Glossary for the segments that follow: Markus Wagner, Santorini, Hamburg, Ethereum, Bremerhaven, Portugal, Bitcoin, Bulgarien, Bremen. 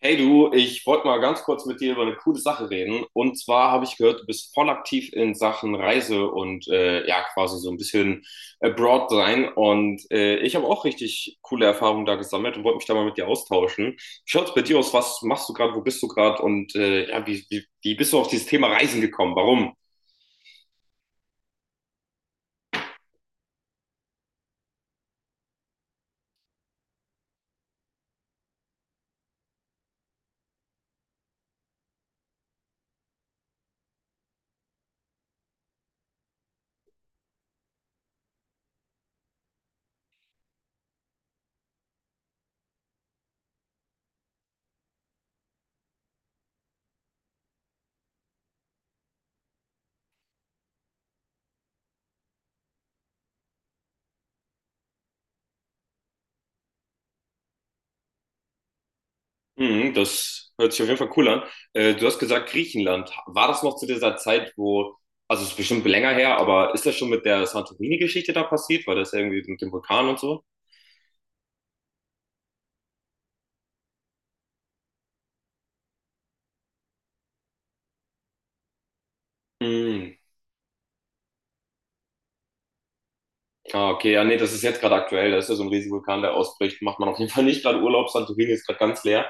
Hey du, ich wollte mal ganz kurz mit dir über eine coole Sache reden. Und zwar habe ich gehört, du bist voll aktiv in Sachen Reise und ja, quasi so ein bisschen abroad sein. Und ich habe auch richtig coole Erfahrungen da gesammelt und wollte mich da mal mit dir austauschen. Wie schaut's bei dir aus? Was machst du gerade? Wo bist du gerade? Und ja, wie bist du auf dieses Thema Reisen gekommen? Warum? Mhm, das hört sich auf jeden Fall cool an. Du hast gesagt, Griechenland. War das noch zu dieser Zeit, also es ist bestimmt länger her, aber ist das schon mit der Santorini-Geschichte da passiert? War das irgendwie mit dem Vulkan und so? Mhm. Ah, okay. Ja, nee, das ist jetzt gerade aktuell. Da ist ja so ein riesiger Vulkan, der ausbricht. Macht man auf jeden Fall nicht gerade Urlaub. Santorini ist gerade ganz leer.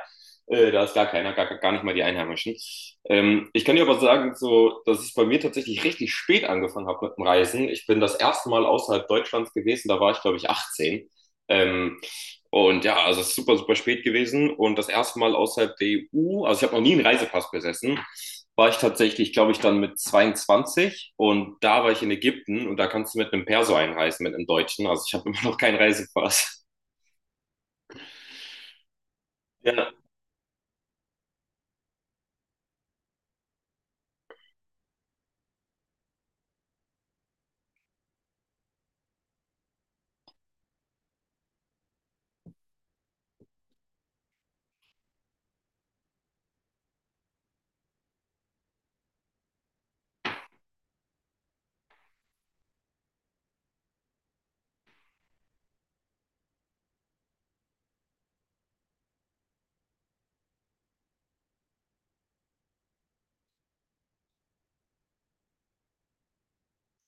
Da ist gar keiner, gar nicht mal die Einheimischen. Ich kann dir aber sagen, so, dass ich bei mir tatsächlich richtig spät angefangen habe mit dem Reisen. Ich bin das erste Mal außerhalb Deutschlands gewesen. Da war ich, glaube ich, 18. Ähm, Und ja, also es ist super, super spät gewesen. Und das erste Mal außerhalb der EU, also ich habe noch nie einen Reisepass besessen, war ich tatsächlich, glaube ich, dann mit 22. Und da war ich in Ägypten und da kannst du mit einem Perso einreisen, mit einem Deutschen. Also ich habe immer noch keinen Reisepass. Ja,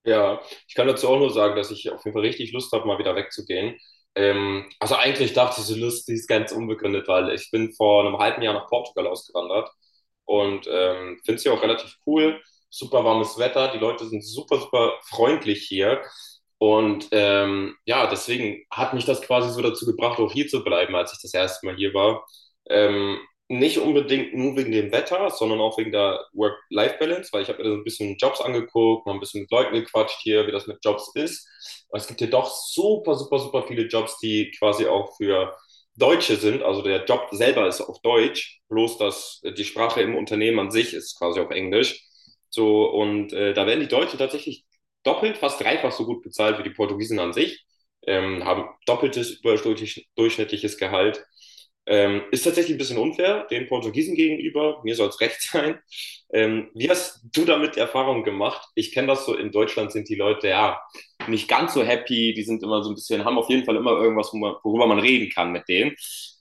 ja, ich kann dazu auch nur sagen, dass ich auf jeden Fall richtig Lust habe, mal wieder wegzugehen. Also eigentlich dachte ich, diese Lust, die ist ganz unbegründet, weil ich bin vor einem halben Jahr nach Portugal ausgewandert und finde es hier auch relativ cool. Super warmes Wetter, die Leute sind super, super freundlich hier. Und ja, deswegen hat mich das quasi so dazu gebracht, auch hier zu bleiben, als ich das erste Mal hier war. Ähm, Nicht unbedingt nur wegen dem Wetter, sondern auch wegen der Work-Life-Balance, weil ich habe mir da so ein bisschen Jobs angeguckt, mal ein bisschen mit Leuten gequatscht hier, wie das mit Jobs ist. Aber es gibt hier doch super, super, super viele Jobs, die quasi auch für Deutsche sind. Also der Job selber ist auf Deutsch, bloß dass die Sprache im Unternehmen an sich ist quasi auf Englisch. So, und da werden die Deutschen tatsächlich doppelt, fast dreifach so gut bezahlt wie die Portugiesen an sich, haben doppeltes überdurchschnittliches Gehalt. Ist tatsächlich ein bisschen unfair den Portugiesen gegenüber. Mir soll es recht sein. Wie hast du damit Erfahrung gemacht? Ich kenne das so, in Deutschland sind die Leute ja nicht ganz so happy. Die sind immer so ein bisschen, haben auf jeden Fall immer irgendwas, worüber man reden kann mit denen,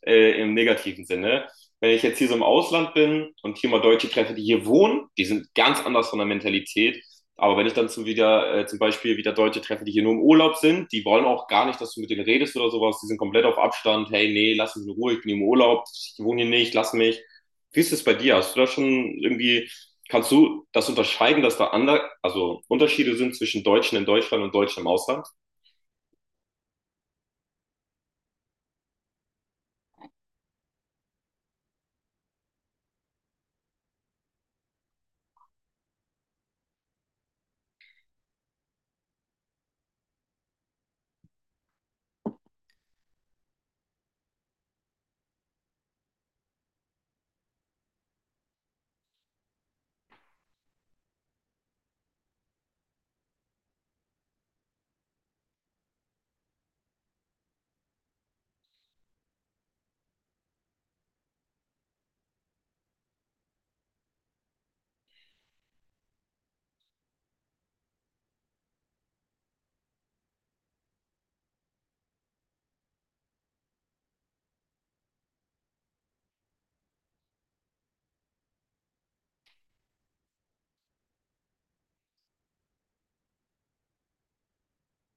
im negativen Sinne. Wenn ich jetzt hier so im Ausland bin und hier mal Deutsche treffe, die hier wohnen, die sind ganz anders von der Mentalität. Aber wenn ich dann zum Beispiel wieder Deutsche treffe, die hier nur im Urlaub sind, die wollen auch gar nicht, dass du mit denen redest oder sowas. Die sind komplett auf Abstand. Hey, nee, lass mich in Ruhe, ich bin im Urlaub, ich wohne hier nicht, lass mich. Wie ist das bei dir? Hast du da schon irgendwie, kannst du das unterscheiden, dass da andere, also Unterschiede sind zwischen Deutschen in Deutschland und Deutschen im Ausland?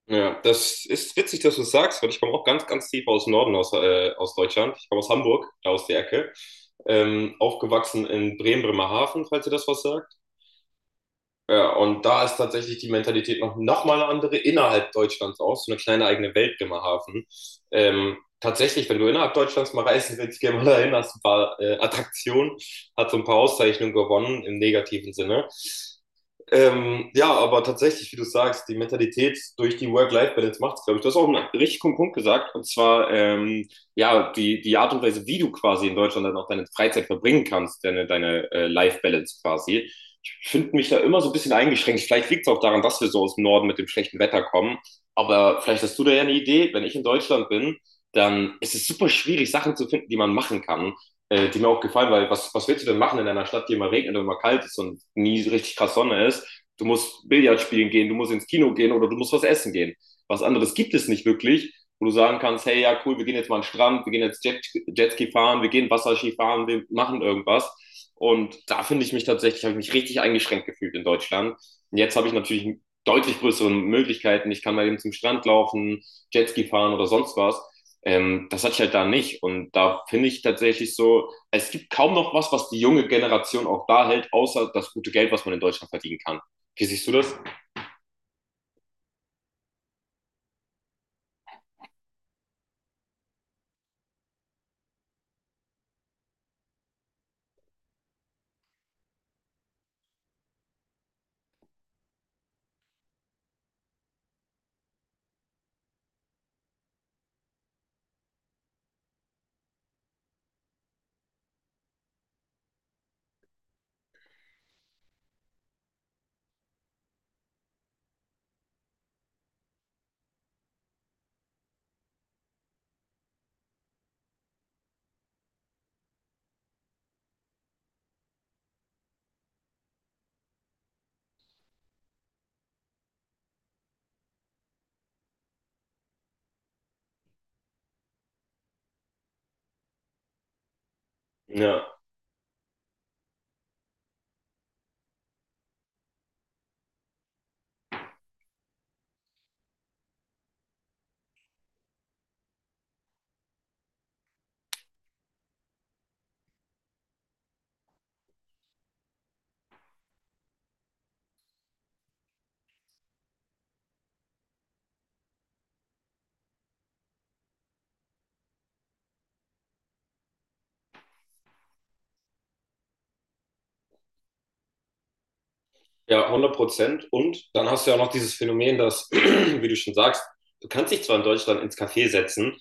Ja, das ist witzig, dass du es sagst, weil ich komme auch ganz, ganz tief aus dem Norden, aus Deutschland. Ich komme aus Hamburg, da aus der Ecke. Aufgewachsen in Bremen, Bremerhaven, falls ihr das was sagt. Ja, und da ist tatsächlich die Mentalität noch mal eine andere innerhalb Deutschlands auch, so eine kleine eigene Welt Bremerhaven. Tatsächlich, wenn du innerhalb Deutschlands mal reisen willst, geh mal dahin, hast ein paar Attraktionen, hat so ein paar Auszeichnungen gewonnen im negativen Sinne. Ja, aber tatsächlich, wie du sagst, die Mentalität durch die Work-Life-Balance macht es, glaube ich. Du hast auch einen richtig guten Punkt gesagt, und zwar ja, die Art und Weise, wie du quasi in Deutschland dann auch deine Freizeit verbringen kannst, deine, deine Life-Balance quasi. Ich finde mich da immer so ein bisschen eingeschränkt. Vielleicht liegt es auch daran, dass wir so aus dem Norden mit dem schlechten Wetter kommen. Aber vielleicht hast du da ja eine Idee, wenn ich in Deutschland bin, dann ist es super schwierig, Sachen zu finden, die man machen kann, die mir auch gefallen, weil was willst du denn machen in einer Stadt, die immer regnet und immer kalt ist und nie so richtig krass Sonne ist? Du musst Billard spielen gehen, du musst ins Kino gehen oder du musst was essen gehen. Was anderes gibt es nicht wirklich, wo du sagen kannst, hey, ja, cool, wir gehen jetzt mal an den Strand, wir gehen jetzt Jet, Jetski fahren, wir gehen Wasserski fahren, wir machen irgendwas. Und da finde ich mich tatsächlich, habe ich mich richtig eingeschränkt gefühlt in Deutschland. Und jetzt habe ich natürlich deutlich größere Möglichkeiten. Ich kann mal eben zum Strand laufen, Jetski fahren oder sonst was. Das hatte ich halt da nicht. Und da finde ich tatsächlich so, es gibt kaum noch was, was die junge Generation auch da hält, außer das gute Geld, was man in Deutschland verdienen kann. Wie siehst du das? Ja. Ja, 100%. Und dann hast du ja auch noch dieses Phänomen, dass, wie du schon sagst, du kannst dich zwar in Deutschland ins Café setzen,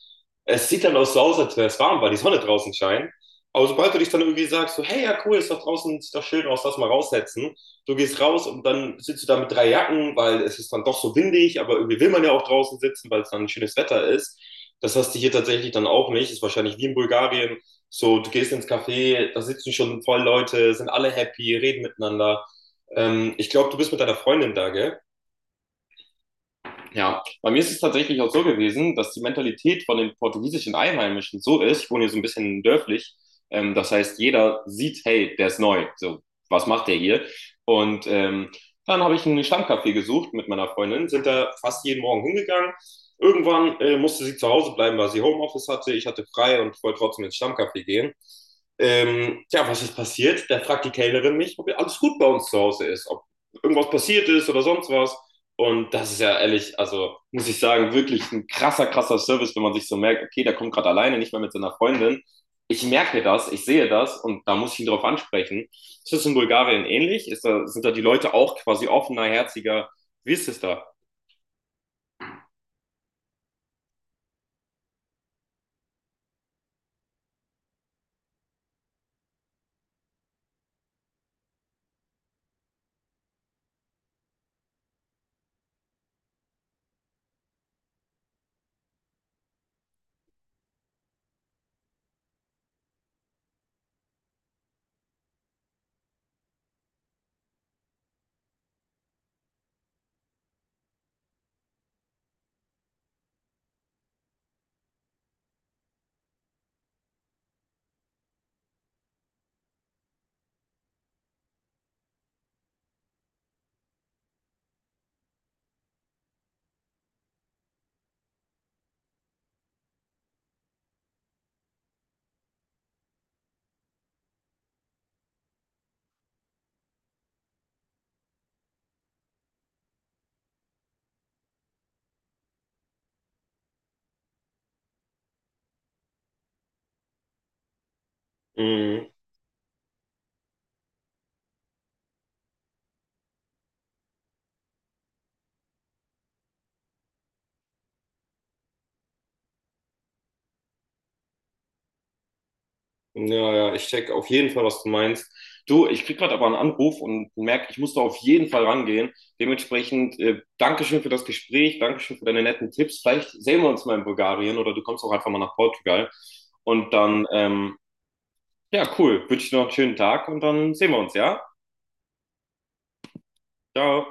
es sieht dann auch so aus, als wäre es warm, weil die Sonne draußen scheint. Aber sobald du dich dann irgendwie sagst, so, hey, ja, cool, ist doch draußen, sieht doch schön aus, lass mal raussetzen. Du gehst raus und dann sitzt du da mit drei Jacken, weil es ist dann doch so windig, aber irgendwie will man ja auch draußen sitzen, weil es dann ein schönes Wetter ist. Das hast du hier tatsächlich dann auch nicht. Ist wahrscheinlich wie in Bulgarien. So, du gehst ins Café, da sitzen schon voll Leute, sind alle happy, reden miteinander. Ich glaube, du bist mit deiner Freundin da, gell? Ja, bei mir ist es tatsächlich auch so gewesen, dass die Mentalität von den portugiesischen Einheimischen so ist, ich wohne hier so ein bisschen dörflich, das heißt, jeder sieht, hey, der ist neu, so, was macht der hier? Und dann habe ich einen Stammcafé gesucht mit meiner Freundin, sind da fast jeden Morgen hingegangen. Irgendwann musste sie zu Hause bleiben, weil sie Homeoffice hatte, ich hatte frei und wollte trotzdem ins Stammcafé gehen. Ja, was ist passiert? Da fragt die Kellnerin mich, ob alles gut bei uns zu Hause ist, ob irgendwas passiert ist oder sonst was. Und das ist ja ehrlich, also muss ich sagen, wirklich ein krasser, krasser Service, wenn man sich so merkt, okay, der kommt gerade alleine, nicht mehr mit seiner Freundin. Ich merke das, ich sehe das und da muss ich ihn drauf ansprechen. Ist das in Bulgarien ähnlich? Sind da die Leute auch quasi offener, herziger? Wie ist es da? Mhm. Ja, ja, ich check auf jeden Fall, was du meinst. Du, ich krieg gerade aber einen Anruf und merke, ich muss da auf jeden Fall rangehen. Dementsprechend, Dankeschön für das Gespräch, Dankeschön für deine netten Tipps. Vielleicht sehen wir uns mal in Bulgarien oder du kommst auch einfach mal nach Portugal. Und dann, ja, cool. Wünsche dir noch einen schönen Tag und dann sehen wir uns, ja? Ciao.